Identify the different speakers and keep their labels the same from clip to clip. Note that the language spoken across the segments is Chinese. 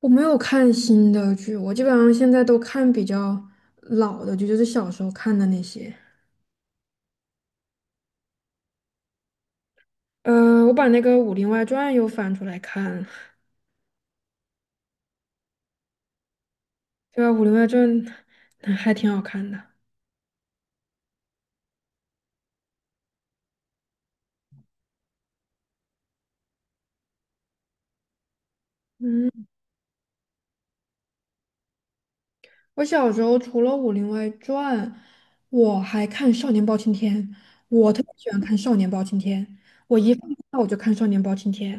Speaker 1: 我没有看新的剧，我基本上现在都看比较老的剧，就是小时候看的那些。我把那个《武林外传》又翻出来看了，对吧？《武林外传》嗯还挺好看的。嗯，我小时候除了《武林外传》，我还看《少年包青天》，我特别喜欢看《少年包青天》，我一放假我就看《少年包青天》。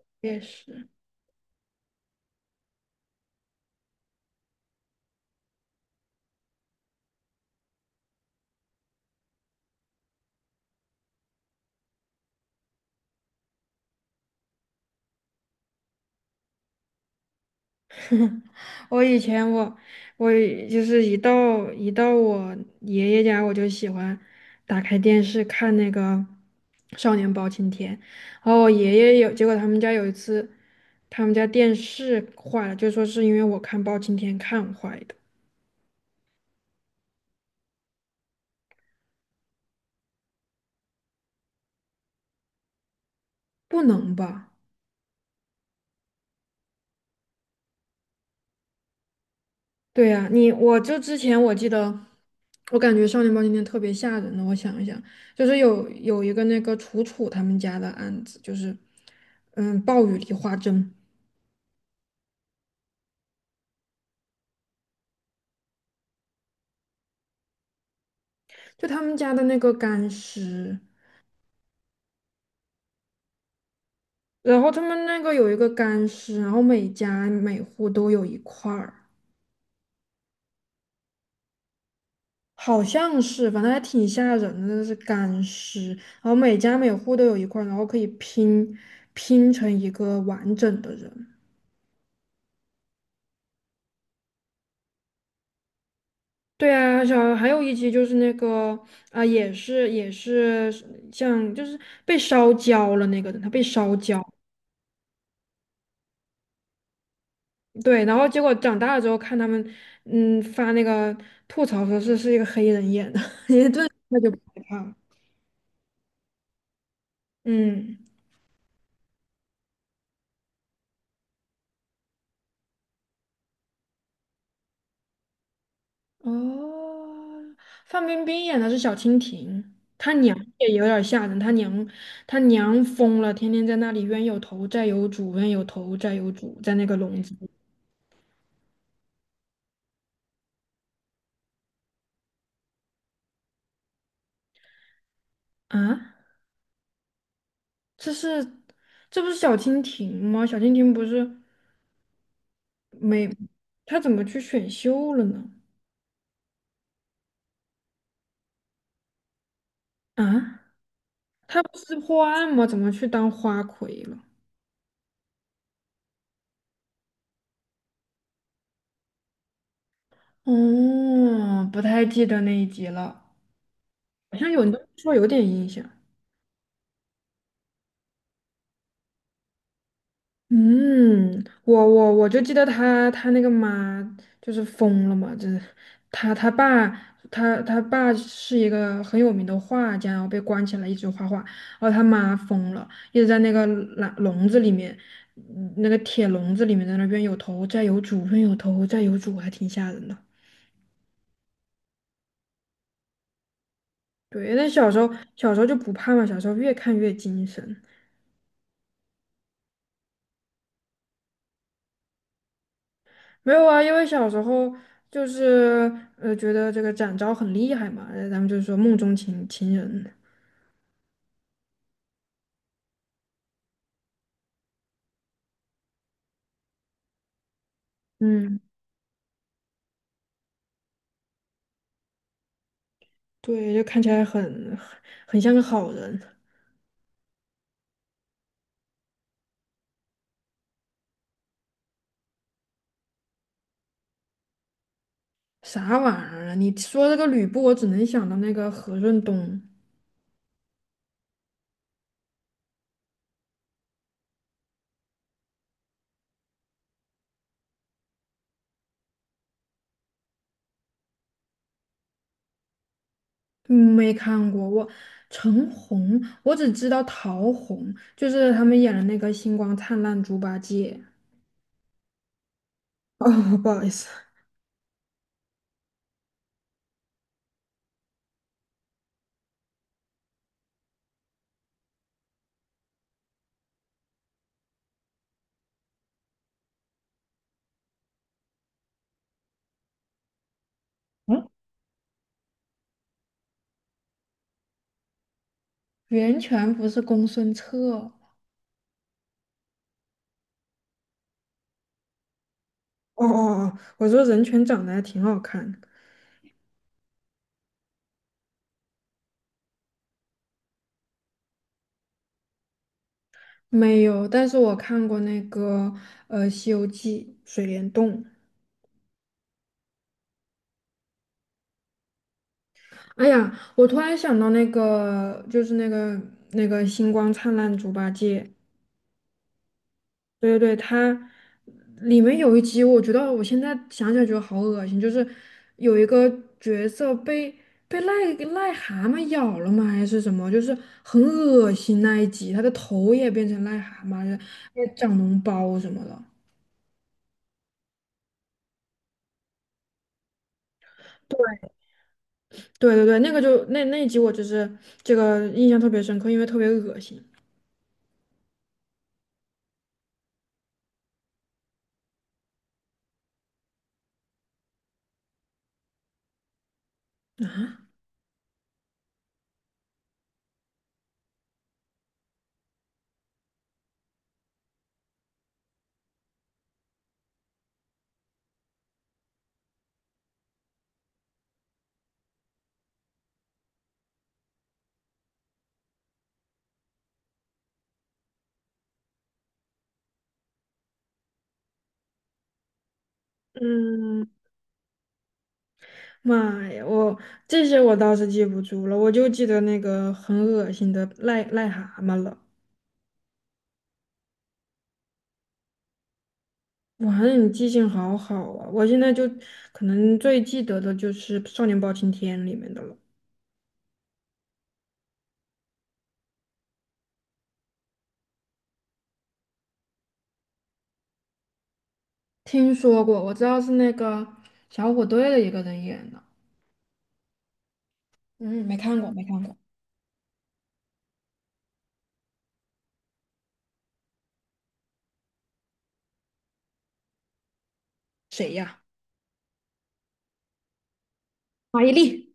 Speaker 1: 我也是。我以前我就是一到我爷爷家，我就喜欢打开电视看那个《少年包青天》，然后我爷爷有，结果他们家有一次，他们家电视坏了，就说是因为我看包青天看坏的，不能吧？对呀、我就之前我记得，我感觉《少年包青天》特别吓人的，我想一想，就是有一个那个楚楚他们家的案子，就是嗯暴雨梨花针。就他们家的那个干尸，然后他们那个有一个干尸，然后每家每户都有一块儿，好像是，反正还挺吓人的，那是干尸，然后每家每户都有一块儿，然后可以拼成一个完整的人。对啊，小还有一集就是那个啊、也是像就是被烧焦了那个人，他被烧焦，对，然后结果长大了之后看他们，嗯，发那个吐槽说是一个黑人演的。那就不害怕了。嗯，哦，范冰冰演的是小蜻蜓，她娘也有点吓人，她娘疯了，天天在那里冤有头债有主，冤有头债有主，在那个笼子里啊，这是这不是小蜻蜓吗？小蜻蜓不是没，她怎么去选秀了呢？啊，她不是破案吗？怎么去当花魁了？哦，不太记得那一集了，好像有，你这么说有点印象。嗯，我就记得他那个妈就是疯了嘛，就是他他爸他爸是一个很有名的画家，然后被关起来一直画画，然后他妈疯了，一直在那个笼子里面，嗯那个铁笼子里面在那边有头债有主，冤有头债有主，还挺吓人的。对，那小时候,小时候就不怕嘛，小时候越看越精神。没有啊，因为小时候就是呃觉得这个展昭很厉害嘛，然后咱们就说梦中情人，嗯，对，就看起来很很像个好人。啥玩意儿啊？你说这个吕布，我只能想到那个何润东，没看过我。陈红，我只知道陶虹，就是他们演的那个《星光灿烂猪八戒》。哦，不好意思，嗯，袁泉不是公孙策。哦哦哦哦,我说人权长得还挺好看的。没有，但是我看过那个《西游记》水帘洞。哎呀，我突然想到那个，就是那个那个星光灿烂猪八戒，对对对，它里面有一集，我觉得我现在想起来觉得好恶心，就是有一个角色被癞蛤蟆咬了吗？还是什么？就是很恶心那一集，他的头也变成癞蛤蟆，也长脓包什么的。对。对对对，那个就那那一集我就是这个印象特别深刻，因为特别恶心。嗯，妈呀，我这些我倒是记不住了，我就记得那个很恶心的癞蛤蟆了。哇，那你记性好好啊！我现在就可能最记得的就是《少年包青天》里面的了。听说过，我知道是那个小虎队的一个人演的。嗯，没看过，没看过，谁呀？马伊琍。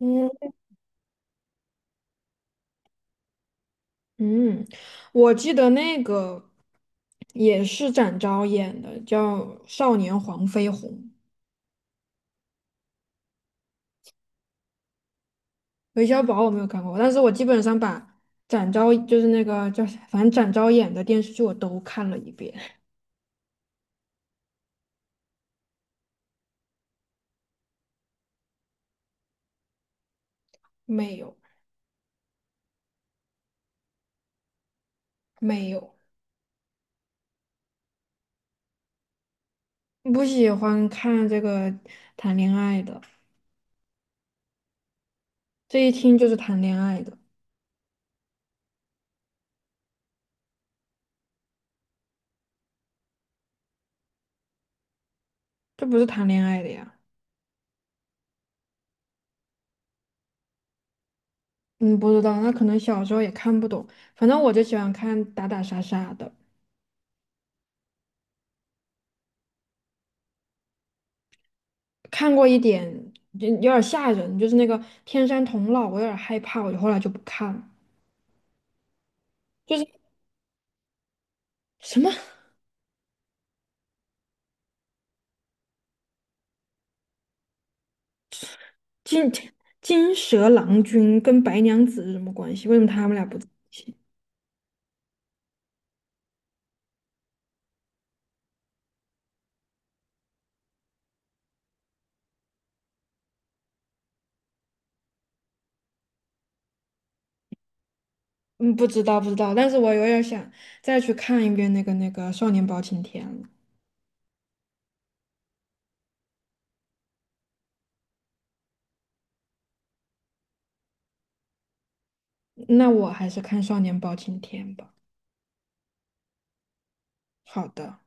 Speaker 1: 嗯。嗯，我记得那个也是展昭演的，叫《少年黄飞鸿》。韦小宝我没有看过，但是我基本上把展昭就是那个叫啥，反正展昭演的电视剧我都看了一遍。没有，没有，不喜欢看这个谈恋爱的，这一听就是谈恋爱的，这不是谈恋爱的呀。嗯，不知道，那可能小时候也看不懂，反正我就喜欢看打打杀杀的。看过一点，就有点吓人，就是那个天山童姥，我有点害怕，我就后来就不看了。就是什么 金金蛇郎君跟白娘子是什么关系？为什么他们俩不在一起？嗯，不知道不知道，但是我有点想再去看一遍那个《少年包青天》了。那我还是看《少年包青天》吧。好的。